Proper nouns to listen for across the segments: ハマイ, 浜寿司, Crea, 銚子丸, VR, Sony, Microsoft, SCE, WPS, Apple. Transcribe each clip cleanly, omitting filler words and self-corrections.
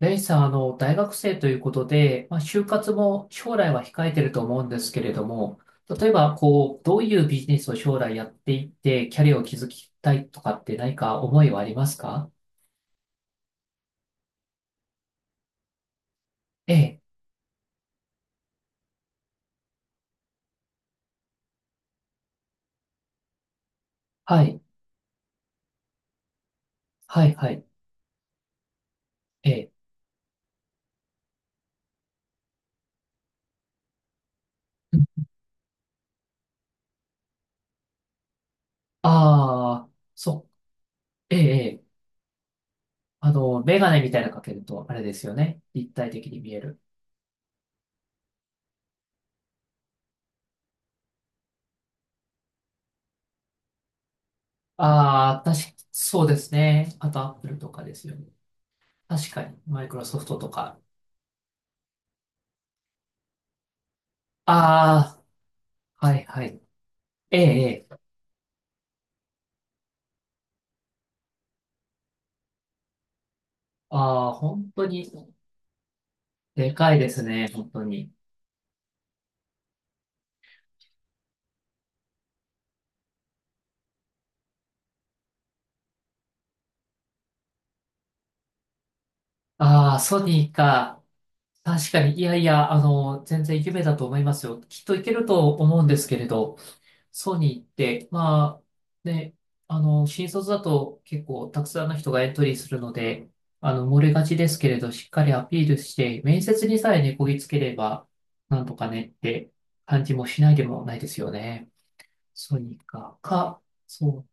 レイさん、大学生ということで、まあ、就活も将来は控えてると思うんですけれども、例えば、どういうビジネスを将来やっていって、キャリアを築きたいとかって何か思いはありますか？ええ、はい、はい、はい、ええ。ああ、そう、ええ、ええ。メガネみたいなのかけると、あれですよね。立体的に見える。ああ、確か、そうですね。あと、アップルとかですよね。確かに、マイクロソフトとか。ああ、はい、はい。ええ、ええ。ああ、本当に、でかいですね、本当に。ああ、ソニーか。確かに、いやいや、全然夢だと思いますよ。きっといけると思うんですけれど、ソニーって、まあ、ね、新卒だと結構たくさんの人がエントリーするので、漏れがちですけれど、しっかりアピールして、面接にさえねこぎつければ、なんとかねって感じもしないでもないですよね。ソニーか。か、そう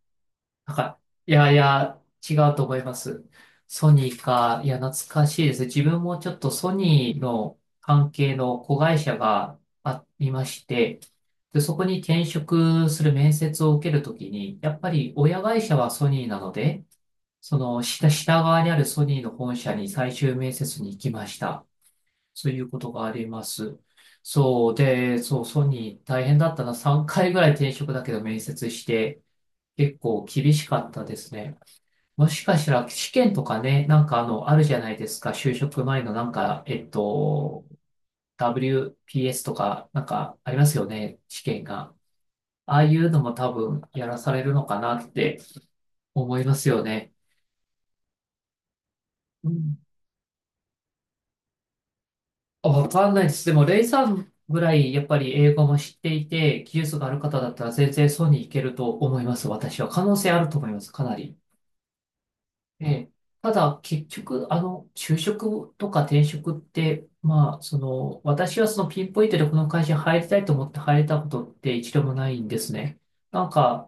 なんか、いやいや、違うと思います。ソニーか、いや、懐かしいです。自分もちょっとソニーの関係の子会社がありまして、で、そこに転職する面接を受けるときに、やっぱり親会社はソニーなので、その下側にあるソニーの本社に最終面接に行きました。そういうことがあります。そうで、そう、ソニー大変だったな。3回ぐらい転職だけど面接して、結構厳しかったですね。もしかしたら試験とかね、なんかあるじゃないですか。就職前のなんか、WPS とか、なんかありますよね。試験が。ああいうのも多分やらされるのかなって思いますよね。うん。あ、わかんないです。でも、レイさんぐらいやっぱり英語も知っていて、技術がある方だったら全然そうにいけると思います。私は。可能性あると思います。かなり。ええ、ただ、結局、就職とか転職って、まあ、その、私はそのピンポイントでこの会社に入りたいと思って入れたことって一度もないんですね。なんか、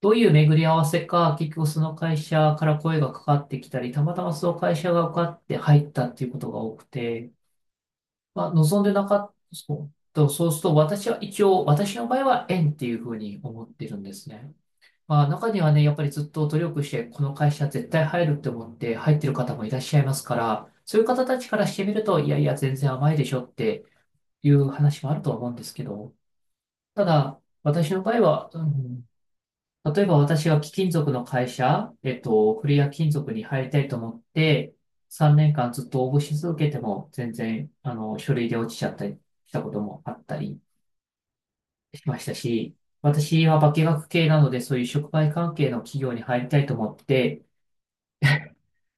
どういう巡り合わせか、結局その会社から声がかかってきたり、たまたまその会社が受かって入ったっていうことが多くて、まあ、望んでなかった、そう、とそうすると、私は一応、私の場合は縁っていうふうに思ってるんですね。まあ、中にはね、やっぱりずっと努力して、この会社絶対入るって思って入ってる方もいらっしゃいますから、そういう方たちからしてみると、いやいや、全然甘いでしょっていう話もあるとは思うんですけど、ただ、私の場合は、うん、例えば私は貴金属の会社、クレア金属に入りたいと思って、3年間ずっと応募し続けても、全然、書類で落ちちゃったりしたこともあったりしましたし、私は化学系なので、そういう触媒関係の企業に入りたいと思って、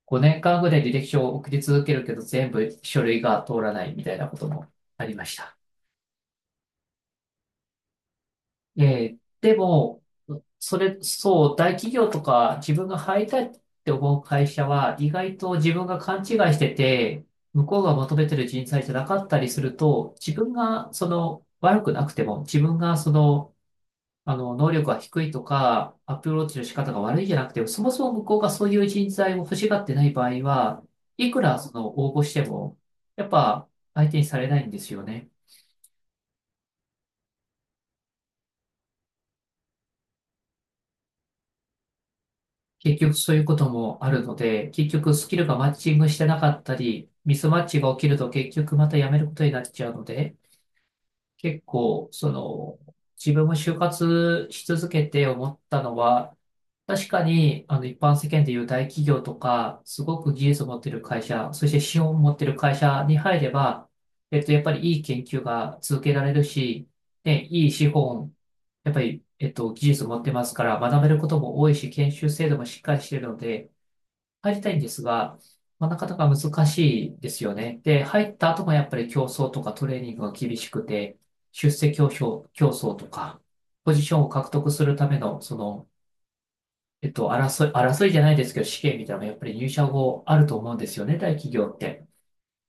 5年間ぐらい履歴書を送り続けるけど、全部書類が通らないみたいなこともありました。でも、それ、そう、大企業とか自分が入りたいって思う会社は、意外と自分が勘違いしてて、向こうが求めてる人材じゃなかったりすると、自分がその悪くなくても、自分がその能力が低いとか、アプローチの仕方が悪いじゃなくて、そもそも向こうがそういう人材を欲しがってない場合は、いくらその応募しても、やっぱ相手にされないんですよね。結局そういうこともあるので、結局スキルがマッチングしてなかったり、ミスマッチが起きると結局また辞めることになっちゃうので、結構、その、自分も就活し続けて思ったのは、確かに、一般世間でいう大企業とか、すごく技術を持ってる会社、そして資本を持ってる会社に入れば、やっぱりいい研究が続けられるし、ね、いい資本、やっぱり、技術を持ってますから、学べることも多いし、研修制度もしっかりしてるので、入りたいんですが、まあ、なかなか難しいですよね。で、入った後もやっぱり競争とかトレーニングが厳しくて、出世競争、競争とか、ポジションを獲得するための、その、争い、争いじゃないですけど、試験みたいなのがやっぱり入社後あると思うんですよね、大企業って。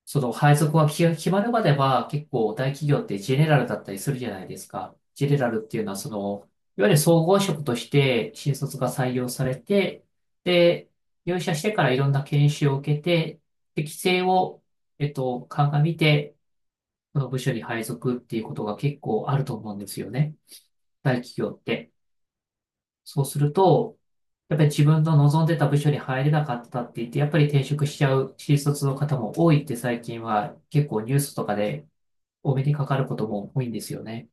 その配属がき決まるまでは結構大企業ってジェネラルだったりするじゃないですか。ジェネラルっていうのはその、いわゆる総合職として新卒が採用されて、で、入社してからいろんな研修を受けて、適性を、鑑みて、その部署に配属っていうことが結構あると思うんですよね。大企業って。そうすると、やっぱり自分の望んでた部署に入れなかったって言って、やっぱり転職しちゃう新卒の方も多いって最近は結構ニュースとかでお目にかかることも多いんですよね。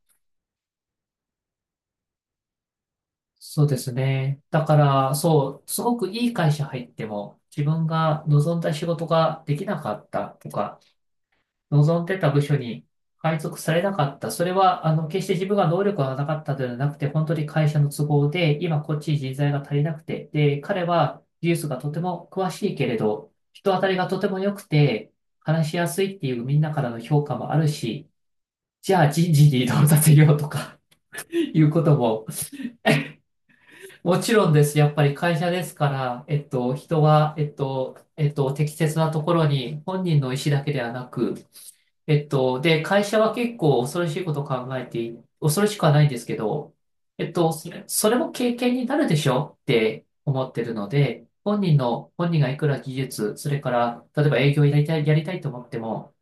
そうですね。だから、そう、すごくいい会社入っても、自分が望んだ仕事ができなかったとか、望んでた部署に配属されなかった。それは、決して自分が能力がなかったのではなくて、本当に会社の都合で、今こっち人材が足りなくて、で、彼は技術がとても詳しいけれど、人当たりがとても良くて、話しやすいっていうみんなからの評価もあるし、じゃあ人事に移動させようとか、いうことも、もちろんです。やっぱり会社ですから、人は、適切なところに本人の意思だけではなく、で、会社は結構恐ろしいことを考えてい、恐ろしくはないんですけど、それも経験になるでしょって思ってるので、本人がいくら技術、それから、例えば営業やりたい、やりたいと思っても、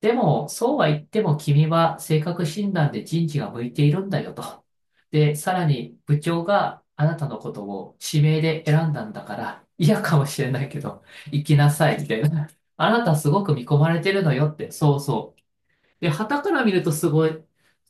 でも、そうは言っても君は性格診断で人事が向いているんだよと。で、さらに部長があなたのことを指名で選んだんだから、嫌かもしれないけど、行きなさい、みたいな。あなたすごく見込まれてるのよって、そうそう。で、傍から見るとすごい、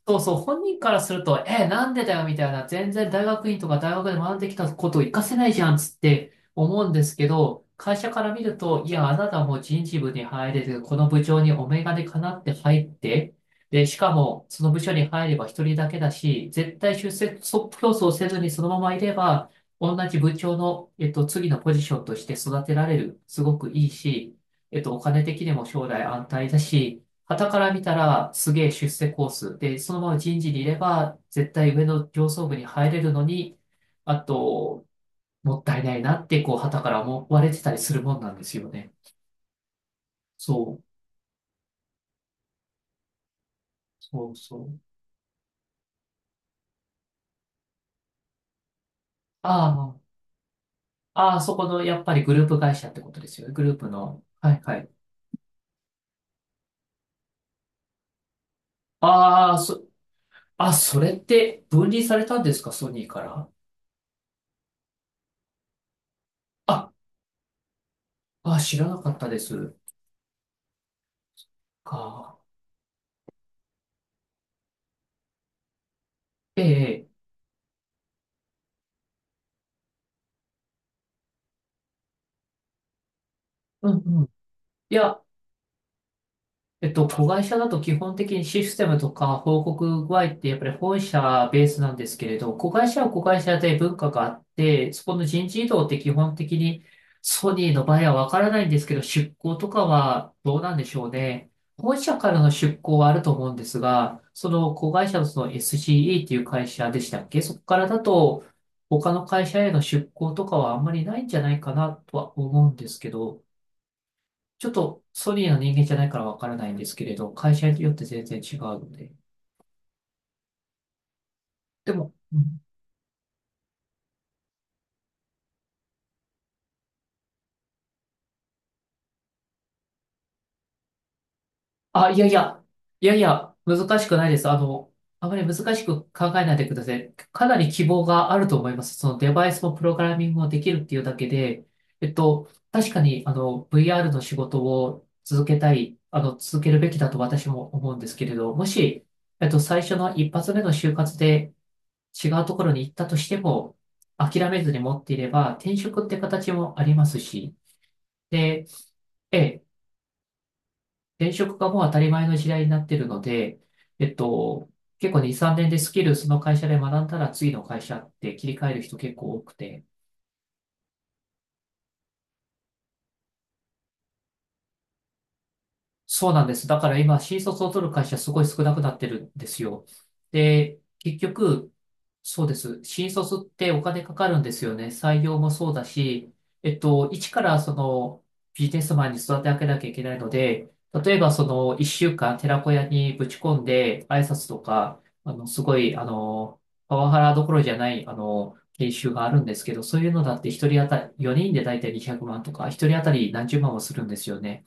そうそう、本人からすると、え、なんでだよみたいな、全然大学院とか大学で学んできたことを活かせないじゃんつって思うんですけど、会社から見ると、いや、あなたもう人事部に入れて、この部長にお眼鏡かなって入って、で、しかも、その部署に入れば一人だけだし、絶対出世競争せずにそのままいれば、同じ部長の、次のポジションとして育てられる。すごくいいし、お金的にも将来安泰だし、傍から見たらすげえ出世コースで、そのまま人事にいれば絶対上の上層部に入れるのに、あと、もったいないなって、こう、傍から思われてたりするもんなんですよね。そう、そうそう。ああ、ああ、そこのやっぱりグループ会社ってことですよね。グループの。はいはい。ああ、あ、それって分離されたんですか、ソニーから。あ、あ、知らなかったです。か。ええ、うんうん。いや、子会社だと基本的にシステムとか報告具合ってやっぱり本社ベースなんですけれど、子会社は子会社で文化があって、そこの人事異動って基本的にソニーの場合はわからないんですけど、出向とかはどうなんでしょうね。本社からの出向はあると思うんですが、その子会社のその SCE っていう会社でしたっけそこからだと他の会社への出向とかはあんまりないんじゃないかなとは思うんですけど、ちょっとソニーの人間じゃないからわからないんですけれど、会社によって全然違うので。でも、うんあ、いやいや、いやいや、難しくないです。あの、あまり難しく考えないでください。かなり希望があると思います。そのデバイスもプログラミングもできるっていうだけで、確かに、あの、VR の仕事を続けたい、あの、続けるべきだと私も思うんですけれど、もし、最初の一発目の就活で、違うところに行ったとしても、諦めずに持っていれば、転職って形もありますし、で、ええ、転職がもう当たり前の時代になっているので、えっと、結構2、3年でスキルその会社で学んだら次の会社って切り替える人結構多くて、そうなんです。だから今、新卒を取る会社すごい少なくなってるんですよ。で、結局、そうです。新卒ってお金かかるんですよね。採用もそうだし、一からそのビジネスマンに育て上げなきゃいけないので、例えばその一週間寺子屋にぶち込んで挨拶とか、あの、すごい、あの、パワハラどころじゃない、あの、研修があるんですけど、そういうのだって一人当たり、4人で大体200万とか、一人当たり何十万もするんですよね。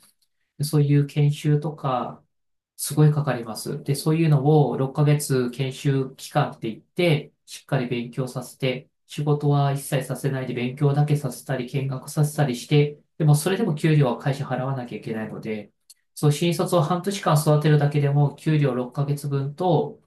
そういう研修とか、すごいかかります。で、そういうのを6ヶ月研修期間って言って、しっかり勉強させて、仕事は一切させないで勉強だけさせたり、見学させたりして、でもそれでも給料は会社払わなきゃいけないので、そう、新卒を半年間育てるだけでも、給料6ヶ月分と、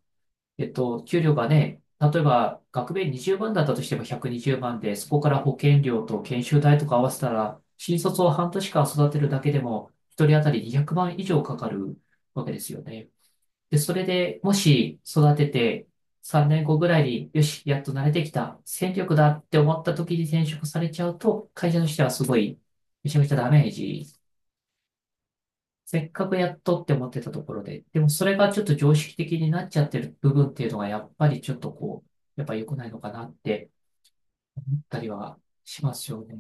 給料がね、例えば学米20万だったとしても120万で、そこから保険料と研修代とか合わせたら、新卒を半年間育てるだけでも、一人当たり200万以上かかるわけですよね。で、それでもし育てて3年後ぐらいに、よし、やっと慣れてきた、戦力だって思った時に転職されちゃうと、会社としてはすごい、めちゃめちゃダメージせっかくやっとって思ってたところで、でもそれがちょっと常識的になっちゃってる部分っていうのがやっぱりちょっとこう、やっぱ良くないのかなって思ったりはしますよね。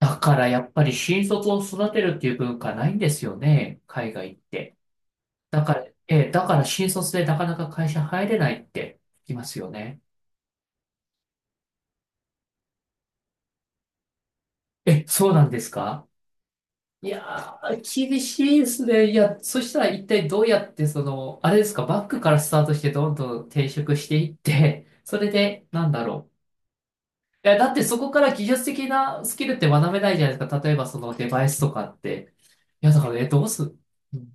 だからやっぱり新卒を育てるっていう文化ないんですよね、海外って。だから、え、だから新卒でなかなか会社入れないって聞きますよね。え、そうなんですかいやー、厳しいですね。いや、そしたら一体どうやって、その、あれですか、バックからスタートしてどんどん転職していって、それで、なんだろう。いや、だってそこから技術的なスキルって学べないじゃないですか。例えばそのデバイスとかって。いや、だからね、どうす、うん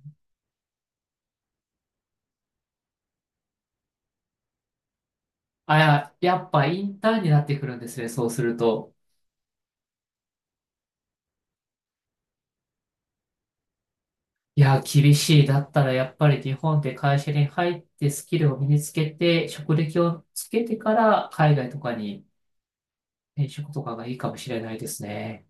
あ、いや、やっぱインターンになってくるんですね、そうすると。いや、厳しい。だったらやっぱり日本で会社に入ってスキルを身につけて、職歴をつけてから海外とかに転職とかがいいかもしれないですね。